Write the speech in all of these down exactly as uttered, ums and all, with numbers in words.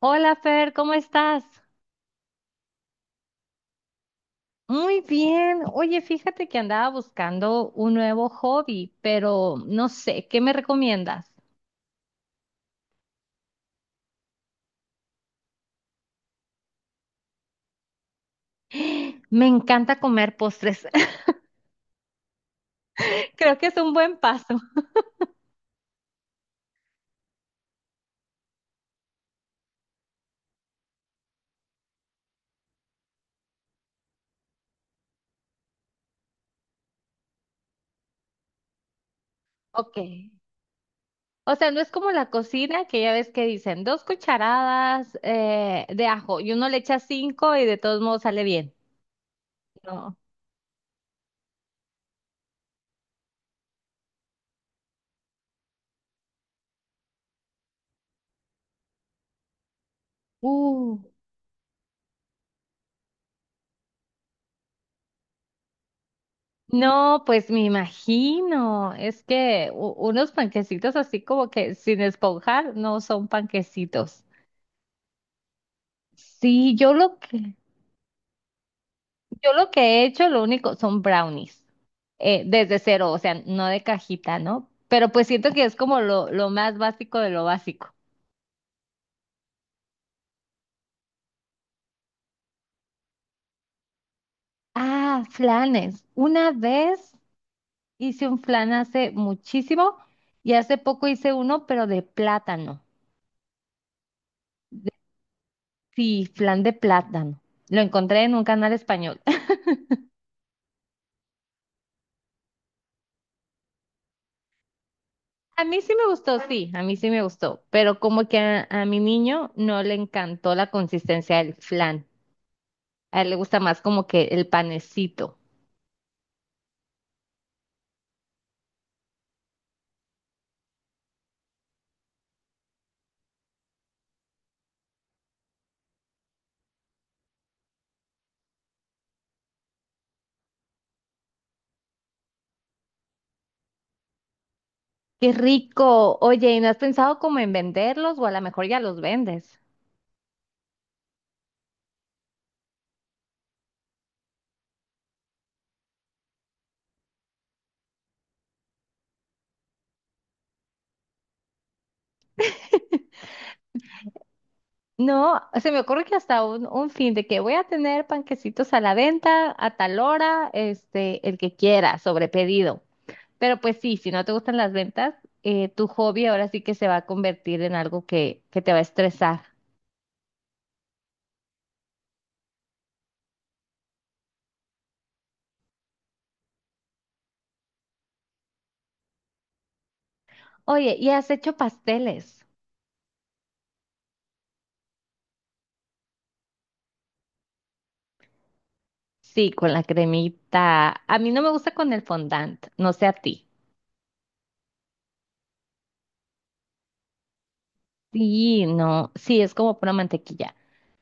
Hola Fer, ¿cómo estás? Muy bien. Oye, fíjate que andaba buscando un nuevo hobby, pero no sé, ¿qué me recomiendas? Me encanta comer postres. Creo que es un buen paso. Ok. O sea, no es como la cocina que ya ves que dicen dos cucharadas eh, de ajo y uno le echa cinco y de todos modos sale bien. No. Uh. No, pues me imagino. Es que u- unos panquecitos así como que sin esponjar no son panquecitos. Sí, yo lo que, yo lo que he hecho, lo único, son brownies, eh, desde cero, o sea, no de cajita, ¿no? Pero pues siento que es como lo, lo más básico de lo básico. Ah, flanes. Una vez hice un flan hace muchísimo y hace poco hice uno, pero de plátano. De- sí, flan de plátano. Lo encontré en un canal español. A mí sí me gustó, sí, a mí sí me gustó, pero como que a, a mi niño no le encantó la consistencia del flan. A él le gusta más como que el panecito. ¡Qué rico! Oye, ¿y no has pensado como en venderlos o a lo mejor ya los vendes? No, se me ocurre que hasta un, un fin de que voy a tener panquecitos a la venta a tal hora, este, el que quiera, sobre pedido. Pero pues sí, si no te gustan las ventas, eh, tu hobby ahora sí que se va a convertir en algo que, que te va a estresar. Oye, ¿y has hecho pasteles? Sí, con la cremita. A mí no me gusta con el fondant, no sé a ti. Sí, no, sí, es como pura mantequilla,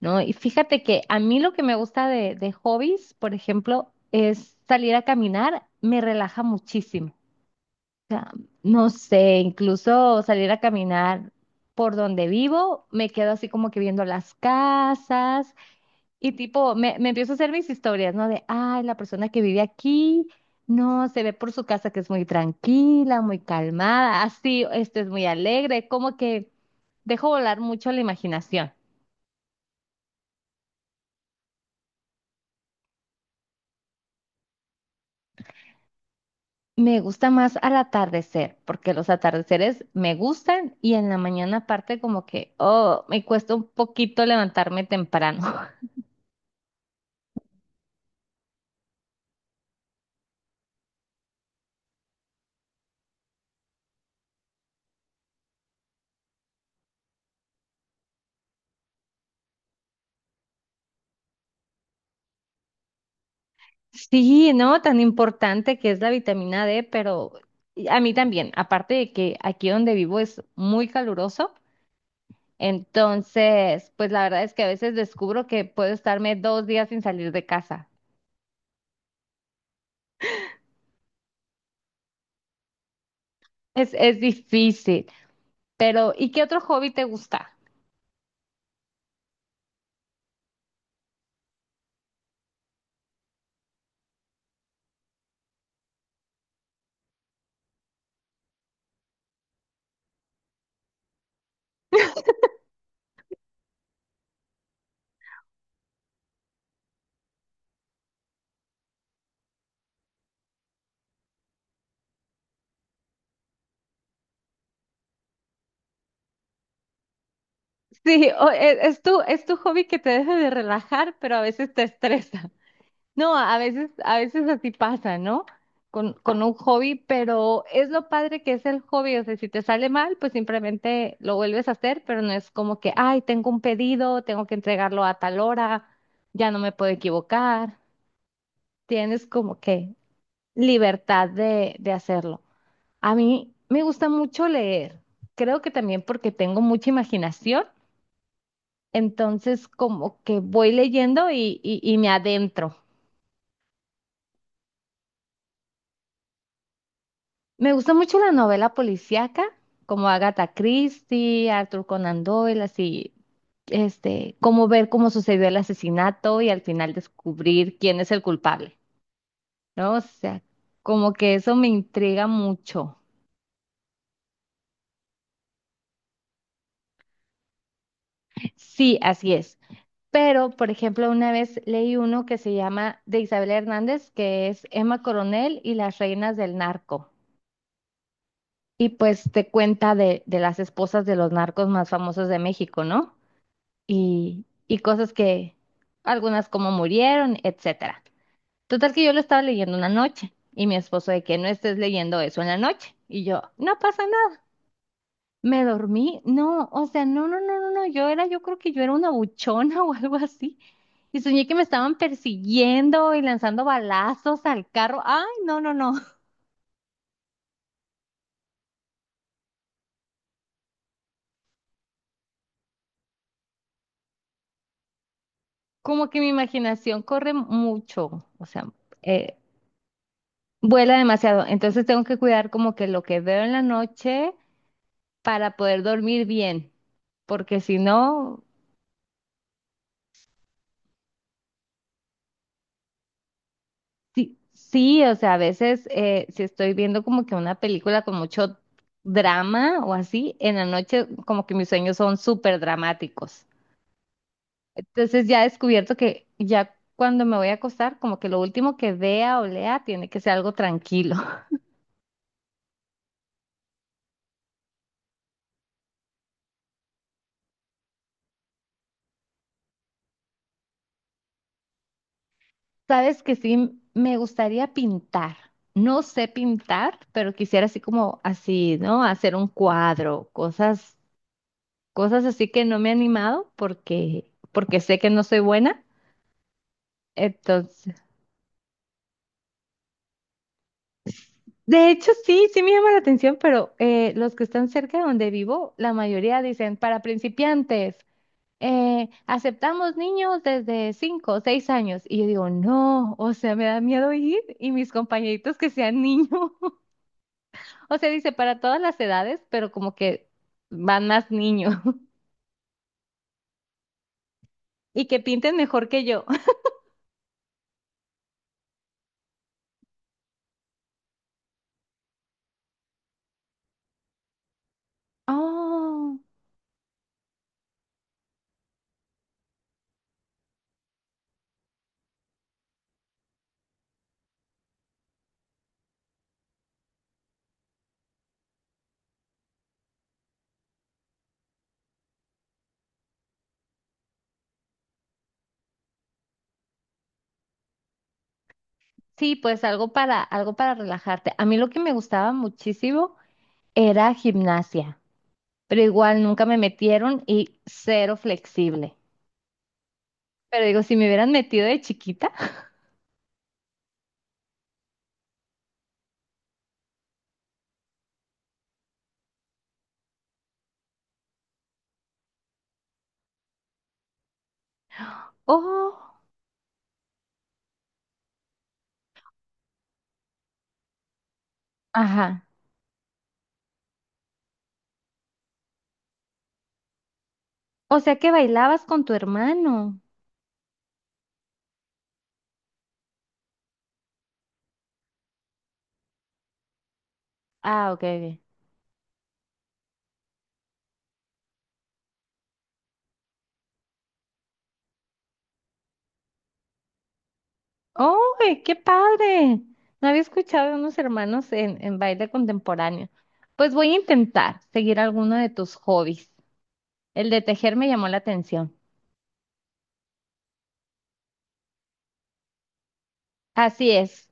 ¿no? Y fíjate que a mí lo que me gusta de, de hobbies, por ejemplo, es salir a caminar, me relaja muchísimo. O sea, no sé, incluso salir a caminar por donde vivo, me quedo así como que viendo las casas y tipo, me, me empiezo a hacer mis historias, ¿no? De, ay, la persona que vive aquí, no, se ve por su casa que es muy tranquila, muy calmada, así, este es muy alegre, como que... Dejo volar mucho la imaginación. Me gusta más al atardecer, porque los atardeceres me gustan y en la mañana aparte como que, oh, me cuesta un poquito levantarme temprano. Sí, ¿no? Tan importante que es la vitamina D, pero a mí también, aparte de que aquí donde vivo es muy caluroso, entonces, pues la verdad es que a veces descubro que puedo estarme dos días sin salir de casa. Es, es difícil, pero ¿y qué otro hobby te gusta? Sí, o- e- es, tu, es tu hobby que te deja de relajar, pero a veces te estresa. No, a veces, a veces así pasa, ¿no? Con, con un hobby, pero es lo padre que es el hobby. O sea, si te sale mal, pues simplemente lo vuelves a hacer, pero no es como que, ay, tengo un pedido, tengo que entregarlo a tal hora, ya no me puedo equivocar. Tienes como que libertad de, de hacerlo. A mí me gusta mucho leer. Creo que también porque tengo mucha imaginación. Entonces, como que voy leyendo y, y- y me adentro. Me gusta mucho la novela policíaca, como Agatha Christie, Arthur Conan Doyle, así, este, como ver cómo sucedió el asesinato y al final descubrir quién es el culpable, ¿no? O sea, como que eso me intriga mucho. Sí, así es. Pero, por ejemplo, una vez leí uno que se llama de Isabel Hernández, que es Emma Coronel y las reinas del narco. Y pues te cuenta de, de las esposas de los narcos más famosos de México, ¿no? Y, y cosas que, algunas como murieron, etcétera. Total que yo lo estaba leyendo una noche y mi esposo de que no estés leyendo eso en la noche. Y yo, no pasa nada. Me dormí, no, o sea, no, no, no, no, no, yo era, yo creo que yo era una buchona o algo así. Y soñé que me estaban persiguiendo y lanzando balazos al carro. Ay, no, no, no. Como que mi imaginación corre mucho. O sea, eh, vuela demasiado, entonces tengo que cuidar como que lo que veo en la noche para poder dormir bien, porque si no, sí, sí, o sea, a veces eh, si estoy viendo como que una película con mucho drama o así, en la noche como que mis sueños son súper dramáticos. Entonces ya he descubierto que ya cuando me voy a acostar, como que lo último que vea o lea tiene que ser algo tranquilo. Sabes que sí, me gustaría pintar. No sé pintar, pero quisiera así como así, ¿no? Hacer un cuadro, cosas, cosas así que no me he animado porque, porque sé que no soy buena. Entonces, de hecho sí, sí me llama la atención, pero eh, los que están cerca de donde vivo, la mayoría dicen para principiantes. Eh, aceptamos niños desde cinco, o seis años. Y yo digo, no, o sea, me da miedo ir y mis compañeritos que sean niños. O sea, dice para todas las edades, pero como que van más niños y que pinten mejor que yo. Oh, sí, pues algo para, algo para relajarte. A mí lo que me gustaba muchísimo era gimnasia, pero igual nunca me metieron y cero flexible. Pero digo, si me hubieran metido de chiquita, oh, ajá. O sea que bailabas con tu hermano. Ah, ok, ok. ¡Oh, qué padre! No había escuchado de unos hermanos en, en baile contemporáneo. Pues voy a intentar seguir alguno de tus hobbies. El de tejer me llamó la atención. Así es.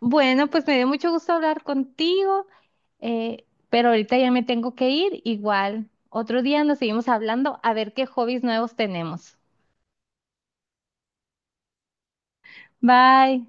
Bueno, pues me dio mucho gusto hablar contigo, eh, pero ahorita ya me tengo que ir. Igual, otro día nos seguimos hablando a ver qué hobbies nuevos tenemos. Bye.